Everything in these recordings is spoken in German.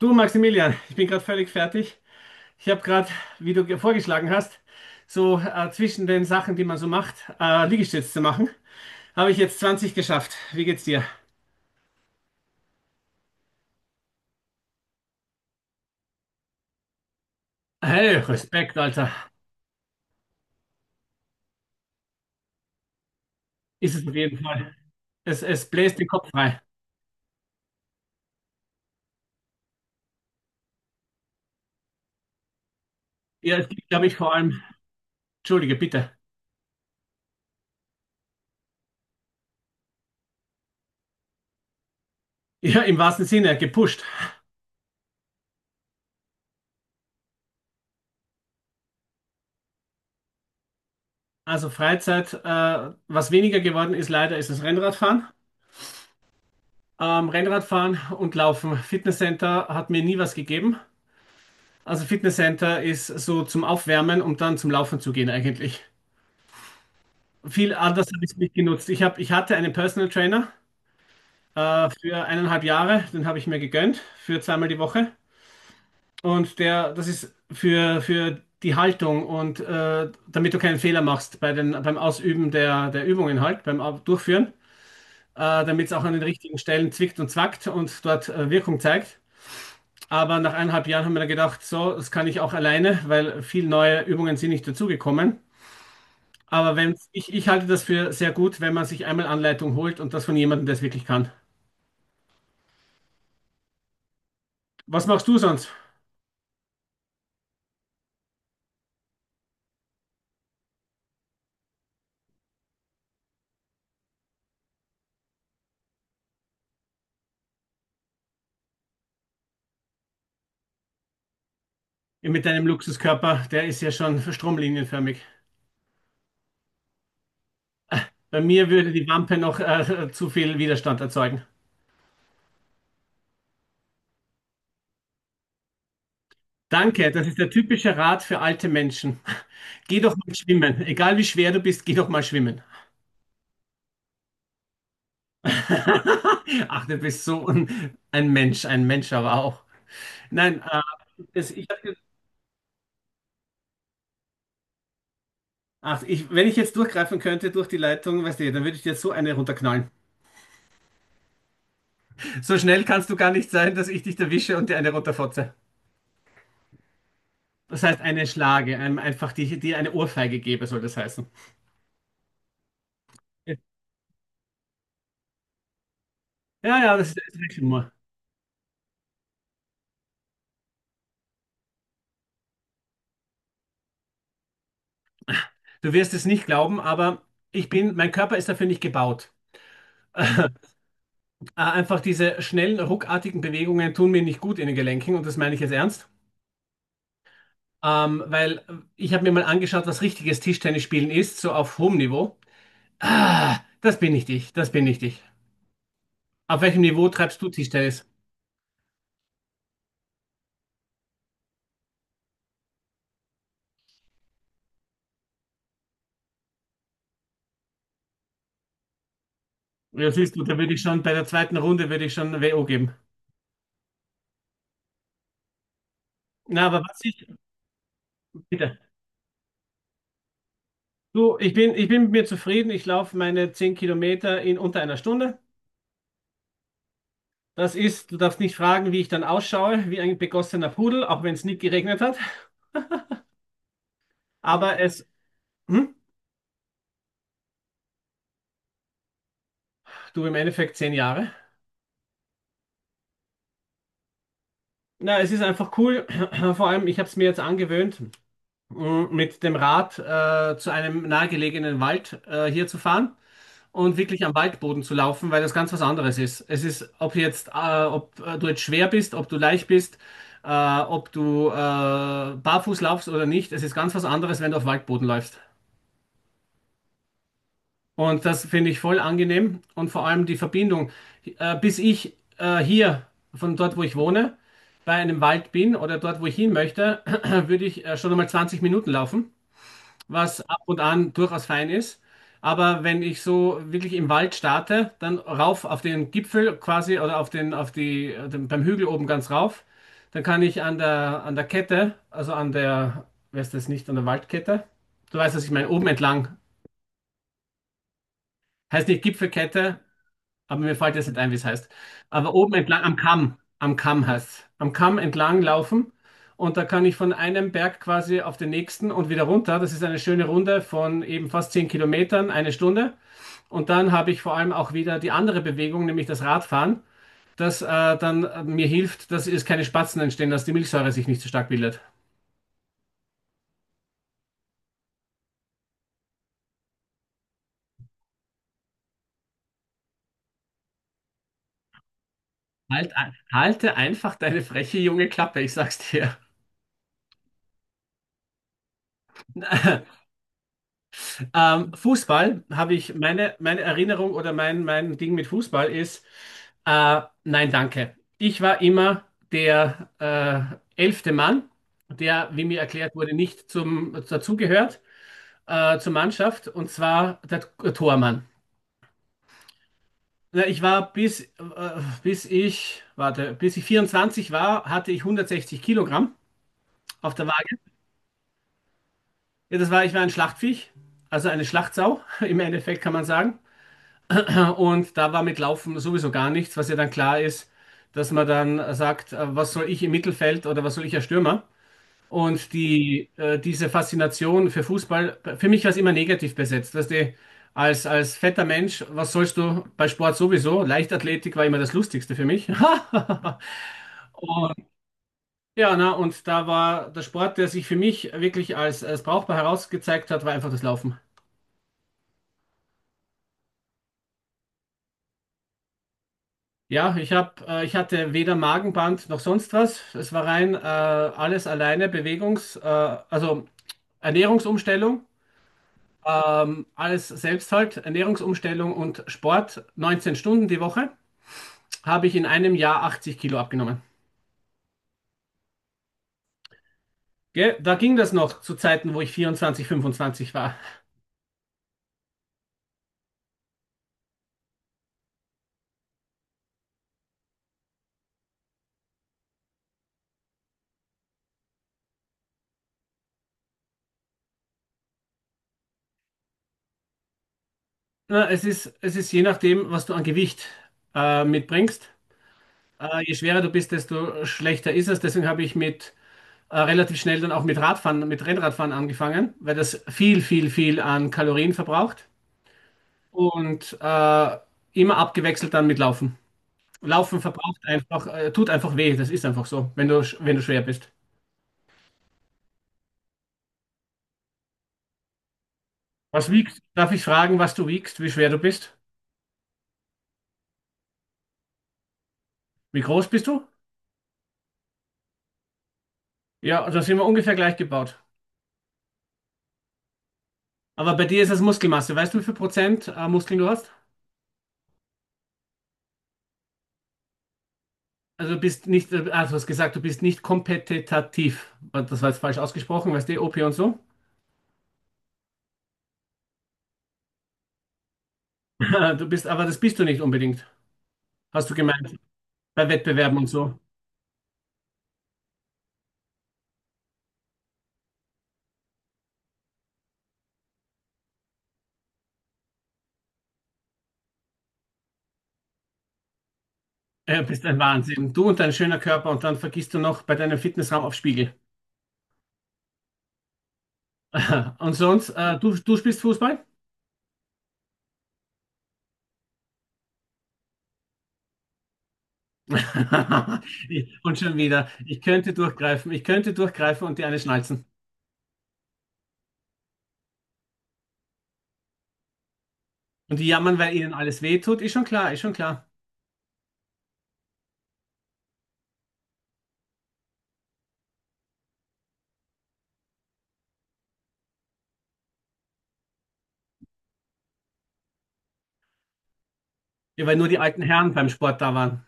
Du, Maximilian, ich bin gerade völlig fertig. Ich habe gerade, wie du vorgeschlagen hast, so zwischen den Sachen, die man so macht, Liegestütz zu machen, habe ich jetzt 20 geschafft. Wie geht's dir? Hey, Respekt, Alter. Ist es auf jeden Fall. Es bläst den Kopf frei. Ja, es gibt, glaube ich, vor allem, entschuldige, bitte. Ja, im wahrsten Sinne, gepusht. Also Freizeit, was weniger geworden ist, leider, ist das Rennradfahren. Rennradfahren und Laufen. Fitnesscenter hat mir nie was gegeben. Also Fitnesscenter ist so zum Aufwärmen, um dann zum Laufen zu gehen eigentlich. Viel anders habe ich es nicht genutzt. Ich hatte einen Personal Trainer für eineinhalb Jahre, den habe ich mir gegönnt für zweimal die Woche. Und der, das ist für die Haltung und damit du keinen Fehler machst bei beim Ausüben der Übungen halt, beim Durchführen, damit es auch an den richtigen Stellen zwickt und zwackt und dort Wirkung zeigt. Aber nach eineinhalb Jahren haben wir dann gedacht, so, das kann ich auch alleine, weil viele neue Übungen sind nicht dazugekommen. Aber wenn ich, ich halte das für sehr gut, wenn man sich einmal Anleitung holt und das von jemandem, der es wirklich kann. Was machst du sonst mit deinem Luxuskörper? Der ist ja schon stromlinienförmig. Bei mir würde die Wampe noch zu viel Widerstand erzeugen. Danke, das ist der typische Rat für alte Menschen. Geh doch mal schwimmen. Egal wie schwer du bist, geh doch mal schwimmen. Ach, du bist so ein Mensch aber auch. Nein, das, ich, ach, ich, wenn ich jetzt durchgreifen könnte durch die Leitung, weißt du, dann würde ich dir so eine runterknallen. So schnell kannst du gar nicht sein, dass ich dich erwische und dir eine runterfotze. Das heißt, eine Schlage, einfach die eine Ohrfeige gebe, soll das heißen. Ja, ja, das ist österreichischer. Du wirst es nicht glauben, aber ich bin, mein Körper ist dafür nicht gebaut. Einfach diese schnellen, ruckartigen Bewegungen tun mir nicht gut in den Gelenken und das meine ich jetzt ernst. Weil ich habe mir mal angeschaut, was richtiges Tischtennisspielen ist, so auf hohem Niveau. Ah, das bin nicht ich, das bin nicht ich. Auf welchem Niveau treibst du Tischtennis? Ja, siehst du, da würde ich schon bei der zweiten Runde würde ich schon WO geben. Na, aber was ich, bitte. Du, ich bin mit mir zufrieden. Ich laufe meine 10 Kilometer in unter einer Stunde. Das ist, du darfst nicht fragen, wie ich dann ausschaue, wie ein begossener Pudel, auch wenn es nicht geregnet hat. Aber es, hm, du im Endeffekt 10 Jahre. Na, es ist einfach cool. Vor allem, ich habe es mir jetzt angewöhnt, mit dem Rad zu einem nahegelegenen Wald hier zu fahren. Und wirklich am Waldboden zu laufen, weil das ganz was anderes ist. Es ist, ob du jetzt schwer bist, ob du leicht bist, ob du barfuß laufst oder nicht, es ist ganz was anderes, wenn du auf Waldboden läufst. Und das finde ich voll angenehm und vor allem die Verbindung. Bis ich hier von dort, wo ich wohne, bei einem Wald bin oder dort, wo ich hin möchte, würde ich schon einmal 20 Minuten laufen, was ab und an durchaus fein ist. Aber wenn ich so wirklich im Wald starte, dann rauf auf den Gipfel quasi oder auf den, auf die, den, beim Hügel oben ganz rauf, dann kann ich an der Kette, wer ist das nicht, an der Waldkette? Du weißt, was ich meine, oben entlang. Heißt nicht Gipfelkette, aber mir fällt jetzt nicht ein, wie es heißt. Aber oben entlang, am Kamm heißt es. Am Kamm entlang laufen. Und da kann ich von einem Berg quasi auf den nächsten und wieder runter. Das ist eine schöne Runde von eben fast 10 Kilometern, eine Stunde. Und dann habe ich vor allem auch wieder die andere Bewegung, nämlich das Radfahren, das dann mir hilft, dass es keine Spatzen entstehen, dass die Milchsäure sich nicht so stark bildet. Halt, halte einfach deine freche junge Klappe, ich sag's dir. Fußball habe meine Erinnerung oder mein Ding mit Fußball ist, nein, danke. Ich war immer der elfte Mann, der, wie mir erklärt wurde, nicht zum, dazugehört zur Mannschaft und zwar der Tormann. Na, ich war warte, bis ich 24 war, hatte ich 160 Kilogramm auf der Waage. Ja, das war, ich war ein Schlachtviech, also eine Schlachtsau im Endeffekt kann man sagen. Und da war mit Laufen sowieso gar nichts, was ja dann klar ist, dass man dann sagt, was soll ich im Mittelfeld oder was soll ich als Stürmer? Und diese Faszination für Fußball, für mich war es immer negativ besetzt. Weißt du, als fetter Mensch, was sollst du bei Sport sowieso? Leichtathletik war immer das Lustigste für mich. Und, und da war der Sport, der sich für mich wirklich als brauchbar herausgezeigt hat, war einfach das Laufen. Ich hatte weder Magenband noch sonst was. Es war rein alles alleine Bewegungs, also Ernährungsumstellung, alles selbst halt, Ernährungsumstellung und Sport. 19 Stunden die Woche, habe ich in einem Jahr 80 Kilo abgenommen. Gell? Da ging das noch zu Zeiten, wo ich 24, 25 war. Na, es ist je nachdem, was du an Gewicht mitbringst. Je schwerer du bist, desto schlechter ist es. Deswegen habe ich mit relativ schnell dann auch mit Radfahren, mit Rennradfahren angefangen, weil das viel, viel, viel an Kalorien verbraucht und immer abgewechselt dann mit Laufen. Laufen verbraucht einfach, tut einfach weh, das ist einfach so, wenn du, wenn du schwer bist. Was wiegst? Darf ich fragen, was du wiegst, wie schwer du bist? Wie groß bist du? Ja, also sind wir ungefähr gleich gebaut. Aber bei dir ist das Muskelmasse. Weißt du, wie viel Prozent Muskeln du hast? Also du bist nicht, also du hast gesagt, du bist nicht kompetitiv. Das war jetzt falsch ausgesprochen, weißt du, OP und so. Du bist, aber das bist du nicht unbedingt, hast du gemeint, bei Wettbewerben und so. Du bist ein Wahnsinn. Du und dein schöner Körper und dann vergisst du noch bei deinem Fitnessraum auf Spiegel. Und sonst, du spielst Fußball? Ich- Und schon wieder. Ich könnte durchgreifen und die eine schnalzen. Und die jammern, weil ihnen alles weh tut, ist schon klar, ist schon klar. Ja, weil nur die alten Herren beim Sport da waren.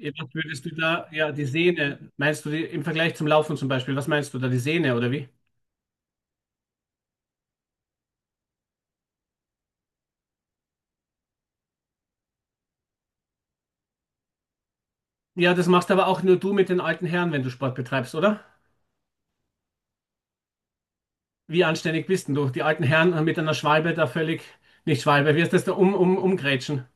Ja, was würdest du da, ja, die Sehne, meinst du die im Vergleich zum Laufen zum Beispiel, was meinst du da, die Sehne oder wie? Ja, das machst aber auch nur du mit den alten Herren, wenn du Sport betreibst, oder? Wie anständig bist denn du? Die alten Herren mit einer Schwalbe da völlig, nicht Schwalbe, wie heißt das da, umgrätschen.